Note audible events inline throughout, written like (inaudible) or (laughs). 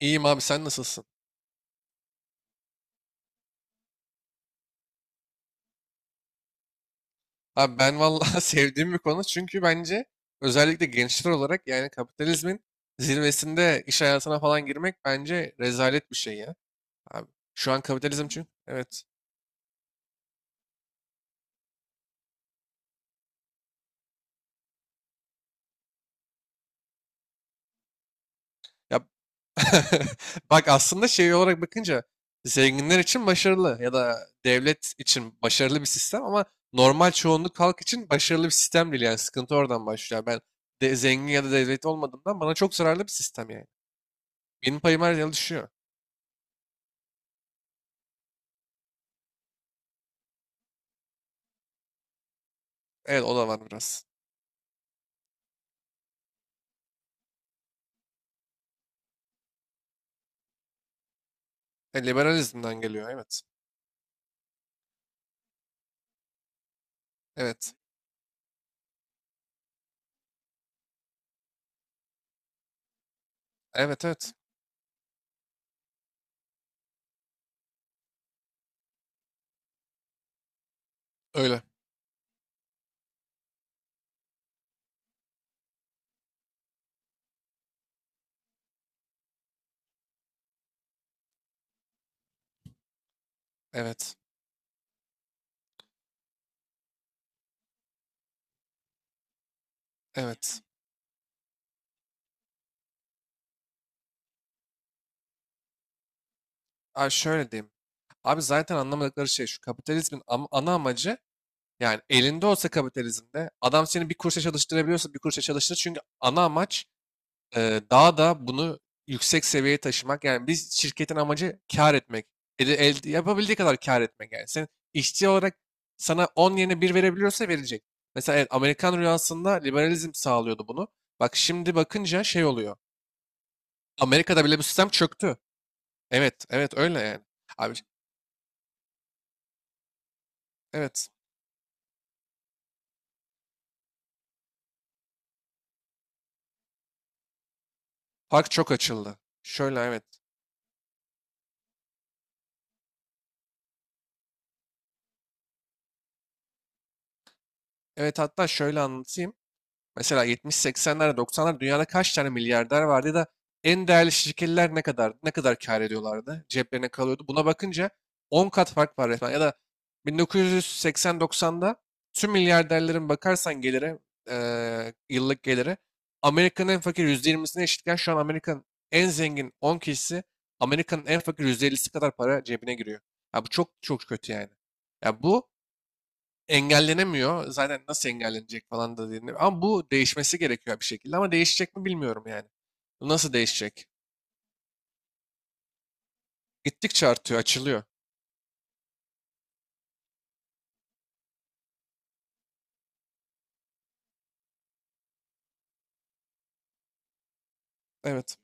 İyiyim abi sen nasılsın? Abi ben vallahi (laughs) sevdiğim bir konu çünkü bence özellikle gençler olarak yani kapitalizmin zirvesinde iş hayatına falan girmek bence rezalet bir şey ya. Abi şu an kapitalizm çünkü evet. Ya (laughs) bak aslında şey olarak bakınca zenginler için başarılı ya da devlet için başarılı bir sistem ama normal çoğunluk halk için başarılı bir sistem değil yani sıkıntı oradan başlıyor. Ben de zengin ya da devlet olmadığımdan bana çok zararlı bir sistem yani. Benim payım her yıl düşüyor. Evet o da var biraz. Liberalizmden geliyor. Evet. Evet. Evet evet. Öyle. Evet. Evet. Abi şöyle diyeyim. Abi zaten anlamadıkları şey şu. Kapitalizmin ana amacı yani elinde olsa kapitalizmde adam seni bir kuruşa çalıştırabiliyorsa bir kuruşa çalıştır. Çünkü ana amaç daha da bunu yüksek seviyeye taşımak. Yani biz şirketin amacı kar etmek. Yapabildiği kadar kar etmek. Yani sen işçi olarak sana 10 yerine bir verebiliyorsa verecek. Mesela evet, Amerikan rüyasında liberalizm sağlıyordu bunu. Bak şimdi bakınca şey oluyor. Amerika'da bile bu sistem çöktü. Evet, evet öyle yani. Abi evet. Fark çok açıldı. Şöyle evet. Evet hatta şöyle anlatayım. Mesela 70-80'lerde 90'lar dünyada kaç tane milyarder vardı ya da en değerli şirketler ne kadar kâr ediyorlardı? Ceplerine kalıyordu. Buna bakınca 10 kat fark var resmen. Ya da 1980-90'da tüm milyarderlerin bakarsan gelire, yıllık geliri Amerika'nın en fakir %20'sine eşitken şu an Amerika'nın en zengin 10 kişisi Amerika'nın en fakir %50'si kadar para cebine giriyor. Ya bu çok çok kötü yani. Ya bu engellenemiyor. Zaten nasıl engellenecek falan da deniliyor. Ama bu değişmesi gerekiyor bir şekilde. Ama değişecek mi bilmiyorum yani. Bu nasıl değişecek? Gittikçe artıyor, açılıyor. Evet,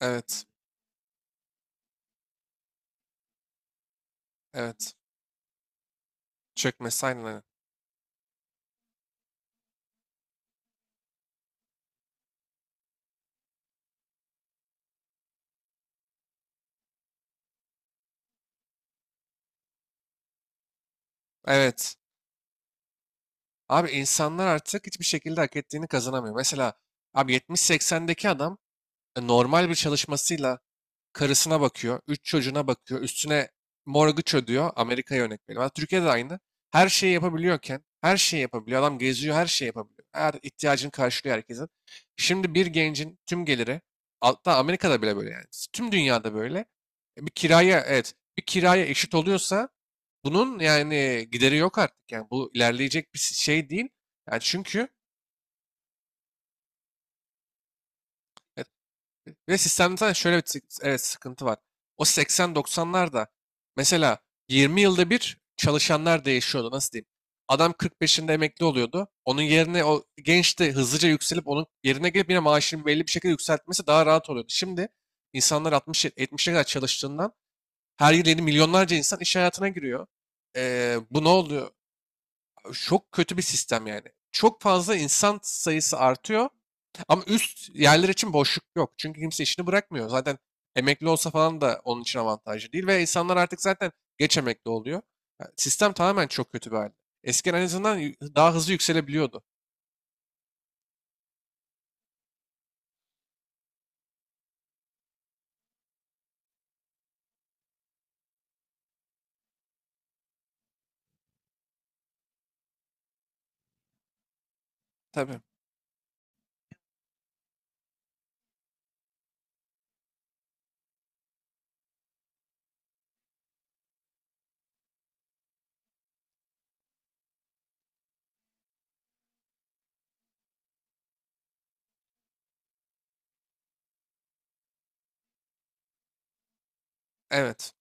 evet, evet. Çökmesi aynen öyle. Evet. Abi insanlar artık hiçbir şekilde hak ettiğini kazanamıyor. Mesela abi 70-80'deki adam normal bir çalışmasıyla karısına bakıyor, 3 çocuğuna bakıyor, üstüne mortgage ödüyor. Amerika'ya örnek veriyorum. Ama Türkiye'de de aynı. Her şeyi yapabiliyorken, her şeyi yapabiliyor. Adam geziyor, her şeyi yapabiliyor. Her ihtiyacını karşılıyor herkesin. Şimdi bir gencin tüm geliri, hatta Amerika'da bile böyle yani. Tüm dünyada böyle. Bir kiraya, evet, bir kiraya eşit oluyorsa bunun yani gideri yok artık. Yani bu ilerleyecek bir şey değil. Yani çünkü. Ve sistemde zaten şöyle bir evet, sıkıntı var. O 80-90'larda mesela 20 yılda bir çalışanlar değişiyordu. Nasıl diyeyim? Adam 45'inde emekli oluyordu. Onun yerine o genç de hızlıca yükselip onun yerine gelip yine maaşını belli bir şekilde yükseltmesi daha rahat oluyordu. Şimdi insanlar 60-70'e kadar çalıştığından her yıl yeni milyonlarca insan iş hayatına giriyor. Bu ne oluyor? Çok kötü bir sistem yani. Çok fazla insan sayısı artıyor ama üst yerler için boşluk yok. Çünkü kimse işini bırakmıyor. Zaten emekli olsa falan da onun için avantajlı değil. Ve insanlar artık zaten geç emekli oluyor. Yani sistem tamamen çok kötü bir halde. Eskiden en azından daha hızlı yükselebiliyordu. Tabii. Evet.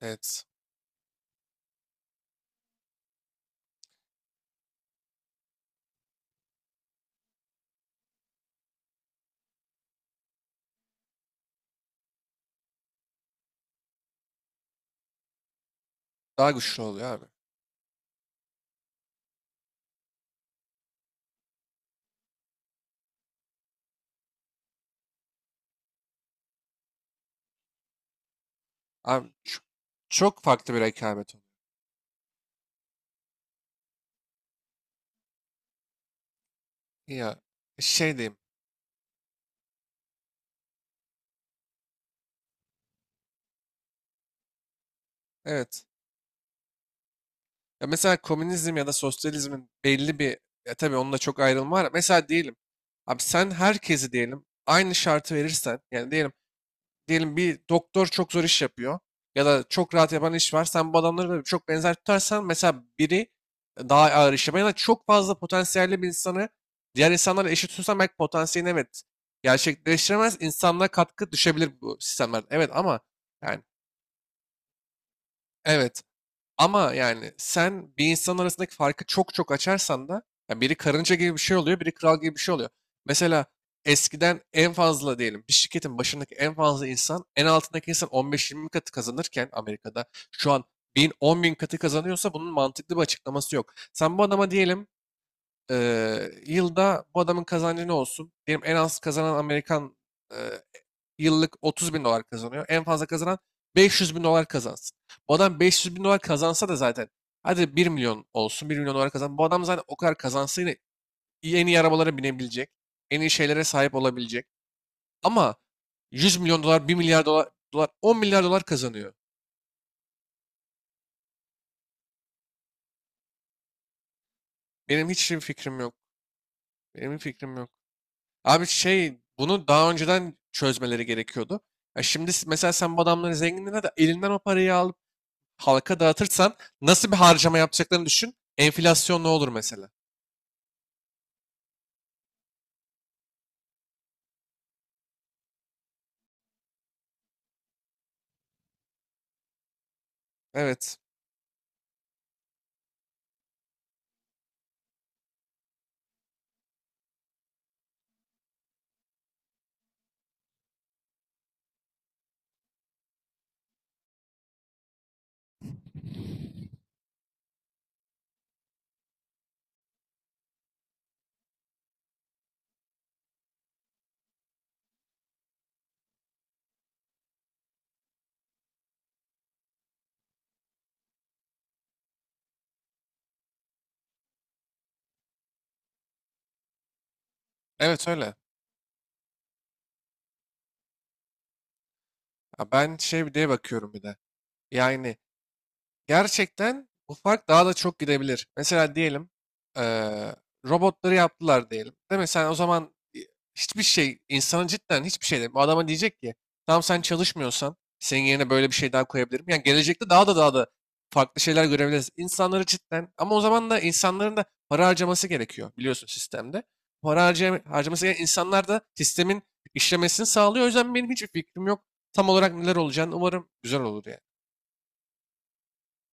Evet. Daha güçlü oluyor abi. Abi çok farklı bir rekabet oluyor. Ya şey diyeyim. Evet. Ya mesela komünizm ya da sosyalizmin belli bir ya tabii onunla çok ayrılma var. Mesela diyelim abi sen herkesi diyelim aynı şartı verirsen yani diyelim bir doktor çok zor iş yapıyor ya da çok rahat yapan iş var. Sen bu adamları da çok benzer tutarsan mesela biri daha ağır iş yapan ya da çok fazla potansiyelli bir insanı diğer insanlarla eşit tutarsan belki potansiyelini evet gerçekleştiremez. İnsanlığa katkı düşebilir bu sistemler. Evet ama yani evet. Ama yani sen bir insan arasındaki farkı çok çok açarsan da ya biri karınca gibi bir şey oluyor, biri kral gibi bir şey oluyor. Mesela eskiden en fazla diyelim bir şirketin başındaki en fazla insan en altındaki insan 15-20 katı kazanırken Amerika'da şu an 1000-10 bin katı kazanıyorsa bunun mantıklı bir açıklaması yok. Sen bu adama diyelim yılda bu adamın kazancı ne olsun? Diyelim en az kazanan Amerikan eee, yıllık 30 bin dolar kazanıyor. En fazla kazanan 500 bin dolar kazansın. Bu adam 500 bin dolar kazansa da zaten hadi 1 milyon olsun 1 milyon dolar kazan. Bu adam zaten o kadar kazansa yine en iyi arabalara binebilecek. En iyi şeylere sahip olabilecek. Ama 100 milyon dolar bir milyar dolar, 10 milyar dolar kazanıyor. Benim hiç fikrim yok. Benim fikrim yok. Abi şey bunu daha önceden çözmeleri gerekiyordu. Ya şimdi mesela sen bu adamların zenginliğine de elinden o parayı al, halka dağıtırsan nasıl bir harcama yapacaklarını düşün. Enflasyon ne olur mesela? Evet. Evet öyle. Ya ben şey bir diye bakıyorum bir de. Yani gerçekten bu fark daha da çok gidebilir. Mesela diyelim eee, robotları yaptılar diyelim. Değil mi? Sen o zaman hiçbir şey, insanın cidden hiçbir şey değil. Bu adama diyecek ki tamam sen çalışmıyorsan senin yerine böyle bir şey daha koyabilirim. Yani gelecekte daha da daha da farklı şeyler görebiliriz. İnsanları cidden ama o zaman da insanların da para harcaması gerekiyor biliyorsun sistemde. Para harcaması gereken insanlar da sistemin işlemesini sağlıyor. O yüzden benim hiçbir fikrim yok. Tam olarak neler olacağını umarım güzel olur yani.